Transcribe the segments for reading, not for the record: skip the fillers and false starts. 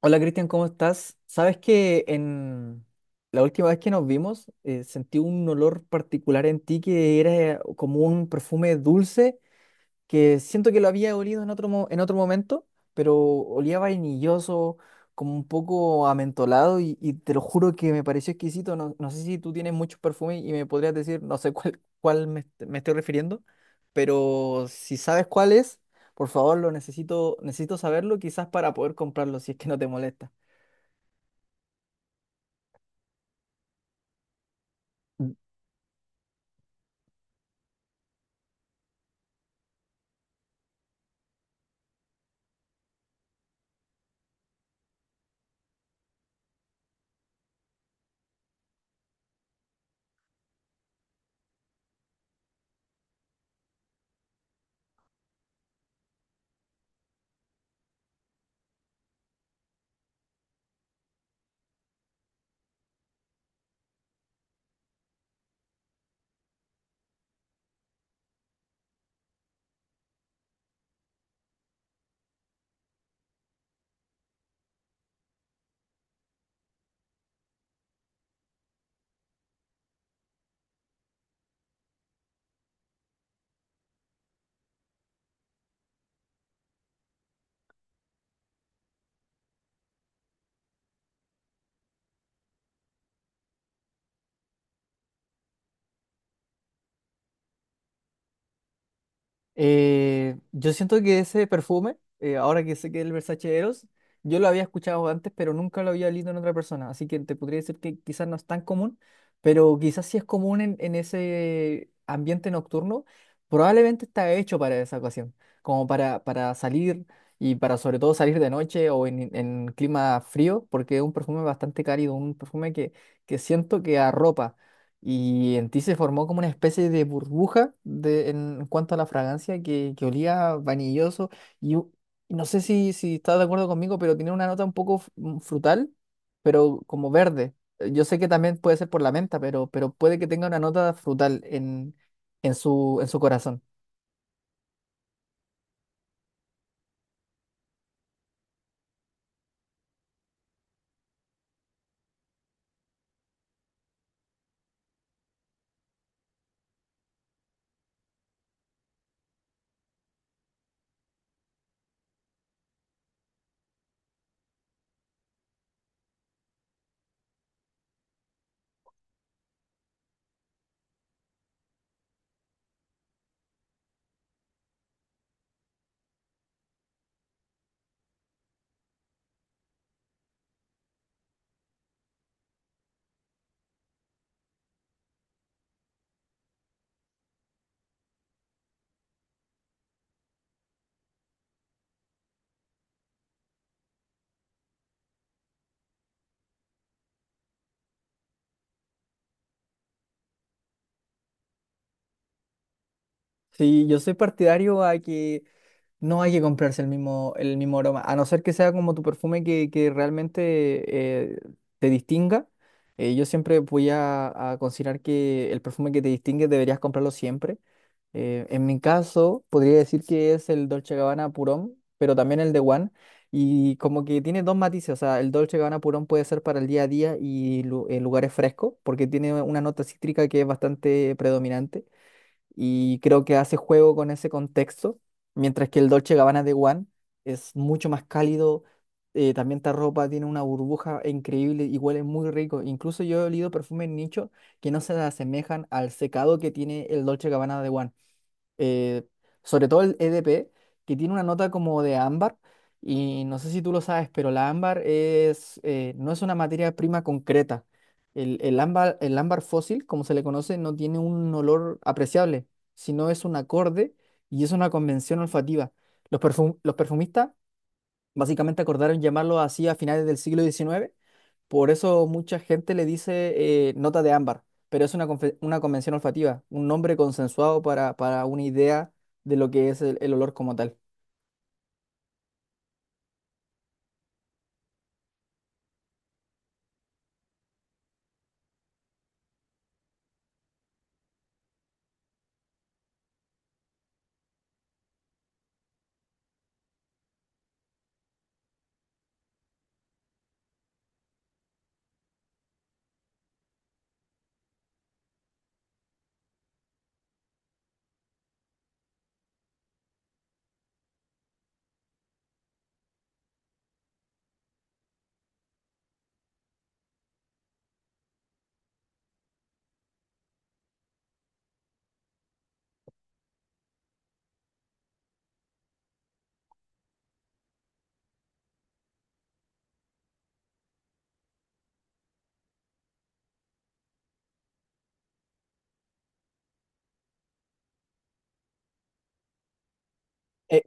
Hola, Cristian, ¿cómo estás? Sabes que en la última vez que nos vimos sentí un olor particular en ti que era como un perfume dulce que siento que lo había olido en otro, en otro momento, pero olía vainilloso, como un poco amentolado y te lo juro que me pareció exquisito. No, no sé si tú tienes muchos perfumes y me podrías decir, no sé cuál, me estoy refiriendo, pero si sabes cuál es, por favor, lo necesito, necesito saberlo quizás para poder comprarlo si es que no te molesta. Yo siento que ese perfume, ahora que sé que es el Versace Eros, yo lo había escuchado antes, pero nunca lo había olido en otra persona. Así que te podría decir que quizás no es tan común, pero quizás sí es común en ese ambiente nocturno. Probablemente está hecho para esa ocasión, como para salir y para sobre todo salir de noche o en clima frío, porque es un perfume bastante cálido, un perfume que siento que arropa. Y en ti se formó como una especie de burbuja de, en cuanto a la fragancia que olía vanilloso. Y u- y no sé si, si estás de acuerdo conmigo, pero tiene una nota un poco frutal, pero como verde. Yo sé que también puede ser por la menta, pero puede que tenga una nota frutal en su corazón. Sí, yo soy partidario a que no hay que comprarse el mismo aroma, a no ser que sea como tu perfume que realmente eh, te distinga. Yo siempre voy a considerar que el perfume que te distingue deberías comprarlo siempre. En mi caso, podría decir que es el Dolce Gabbana Purón, pero también el de One. Y como que tiene dos matices, o sea, el Dolce Gabbana Purón puede ser para el día a día y en lugares frescos, porque tiene una nota cítrica que es bastante predominante y creo que hace juego con ese contexto, mientras que el Dolce Gabbana de One es mucho más cálido, también esta ropa tiene una burbuja increíble y huele muy rico. Incluso yo he olido perfumes nicho que no se asemejan al secado que tiene el Dolce Gabbana de One, eh, sobre todo el EDP, que tiene una nota como de ámbar, y no sé si tú lo sabes, pero la ámbar es, no es una materia prima concreta. El ámbar fósil, como se le conoce, no tiene un olor apreciable, sino es un acorde y es una convención olfativa. Los perfumistas básicamente acordaron llamarlo así a finales del siglo 19. Por eso mucha gente le dice, nota de ámbar, pero es una, una convención olfativa, un nombre consensuado para una idea de lo que es el olor como tal. Eh,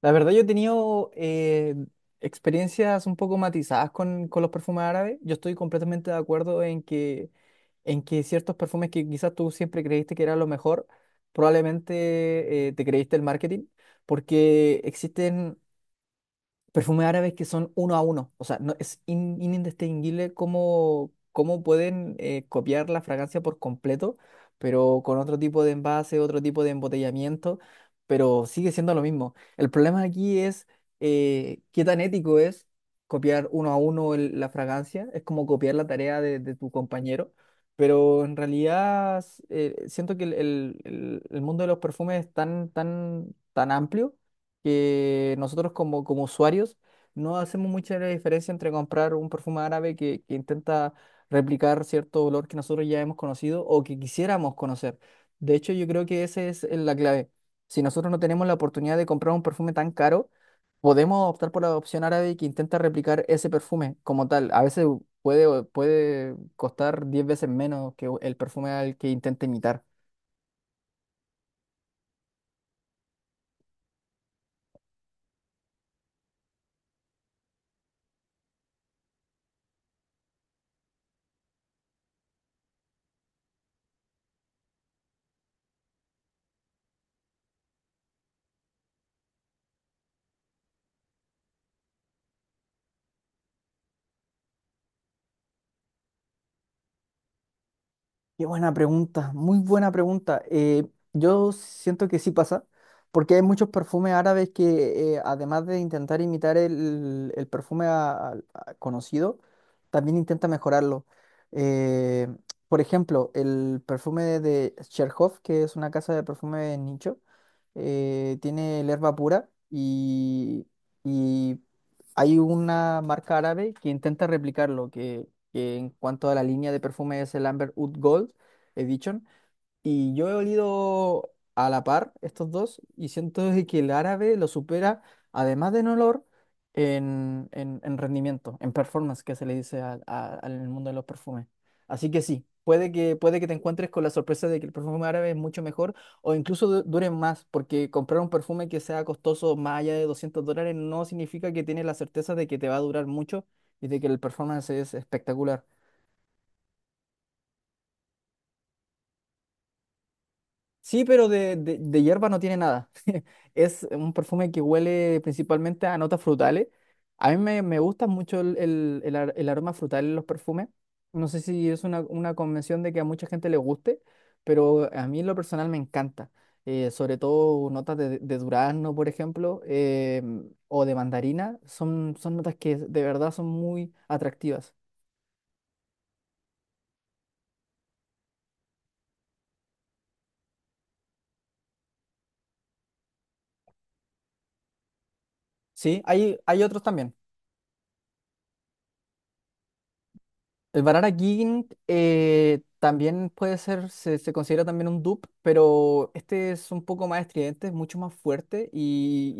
la verdad yo he tenido experiencias un poco matizadas con los perfumes árabes. Yo estoy completamente de acuerdo en que ciertos perfumes que quizás tú siempre creíste que era lo mejor, probablemente te creíste el marketing, porque existen perfumes árabes que son uno a uno. O sea, no, es indistinguible cómo, cómo pueden copiar la fragancia por completo, pero con otro tipo de envase, otro tipo de embotellamiento, pero sigue siendo lo mismo. El problema aquí es, qué tan ético es copiar uno a uno la fragancia. Es como copiar la tarea de tu compañero. Pero en realidad, siento que el mundo de los perfumes es tan, tan, tan amplio que nosotros como, como usuarios no hacemos mucha la diferencia entre comprar un perfume árabe que intenta replicar cierto olor que nosotros ya hemos conocido o que quisiéramos conocer. De hecho, yo creo que esa es la clave. Si nosotros no tenemos la oportunidad de comprar un perfume tan caro, podemos optar por la opción árabe que intenta replicar ese perfume como tal. A veces puede costar 10 veces menos que el perfume al que intenta imitar. Qué buena pregunta, muy buena pregunta. Yo siento que sí pasa, porque hay muchos perfumes árabes que, además de intentar imitar el perfume conocido, también intenta mejorarlo. Eh, por ejemplo, el perfume de Cherhoff, que es una casa de perfume nicho, tiene el Herba Pura, y hay una marca árabe que intenta replicarlo, que en cuanto a la línea de perfume es el Amber Oud Gold Edition, y yo he olido a la par estos dos y siento de que el árabe lo supera, además de en olor, en, en rendimiento, en performance, que se le dice al mundo de los perfumes. Así que sí, puede que te encuentres con la sorpresa de que el perfume árabe es mucho mejor o incluso dure más, porque comprar un perfume que sea costoso más allá de $200 no significa que tienes la certeza de que te va a durar mucho y de que el performance es espectacular. Sí, pero de hierba no tiene nada. Es un perfume que huele principalmente a notas frutales. A mí me gusta mucho el, el aroma frutal en los perfumes. No sé si es una convención de que a mucha gente le guste, pero a mí en lo personal me encanta. Sobre todo notas de durazno, por ejemplo, o de mandarina. Son, son notas que de verdad son muy atractivas. Sí, hay otros también. El Banana King, también puede ser, se considera también un dupe, pero este es un poco más estridente, es mucho más fuerte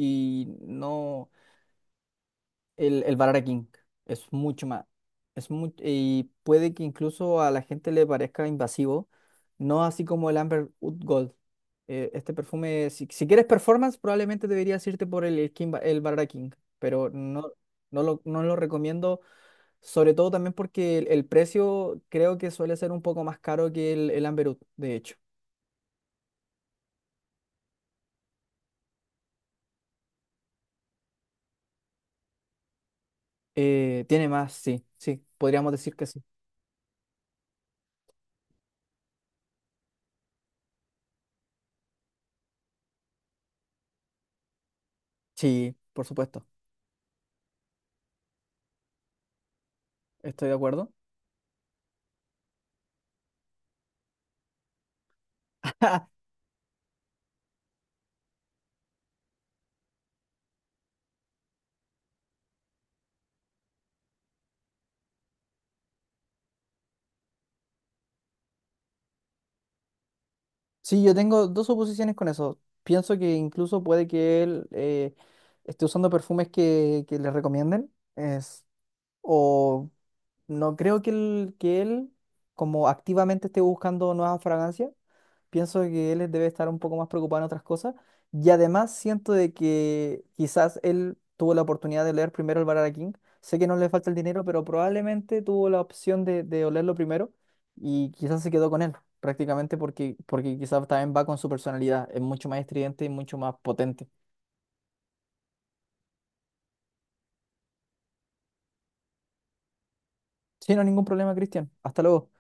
y no, el Banana King es mucho más, y puede que incluso a la gente le parezca invasivo, no así como el Amber Wood Gold. Este perfume, si, si quieres performance, probablemente deberías irte por el, King el Banana King, pero no, no lo recomiendo, sobre todo también porque el precio creo que suele ser un poco más caro que el Amberut, de hecho. Tiene más, sí, sí, podríamos decir que sí. Sí, por supuesto, estoy de acuerdo. Sí, yo tengo dos oposiciones con eso. Pienso que incluso puede que él, esté usando perfumes que le recomienden es, o no creo que él como activamente esté buscando nuevas fragancias. Pienso que él debe estar un poco más preocupado en otras cosas. Y además siento de que quizás él tuvo la oportunidad de leer primero el Barara King. Sé que no le falta el dinero, pero probablemente tuvo la opción de olerlo primero y quizás se quedó con él, prácticamente porque, porque quizás también va con su personalidad. Es mucho más estridente y mucho más potente. Sí, no hay ningún problema, Cristian. Hasta luego.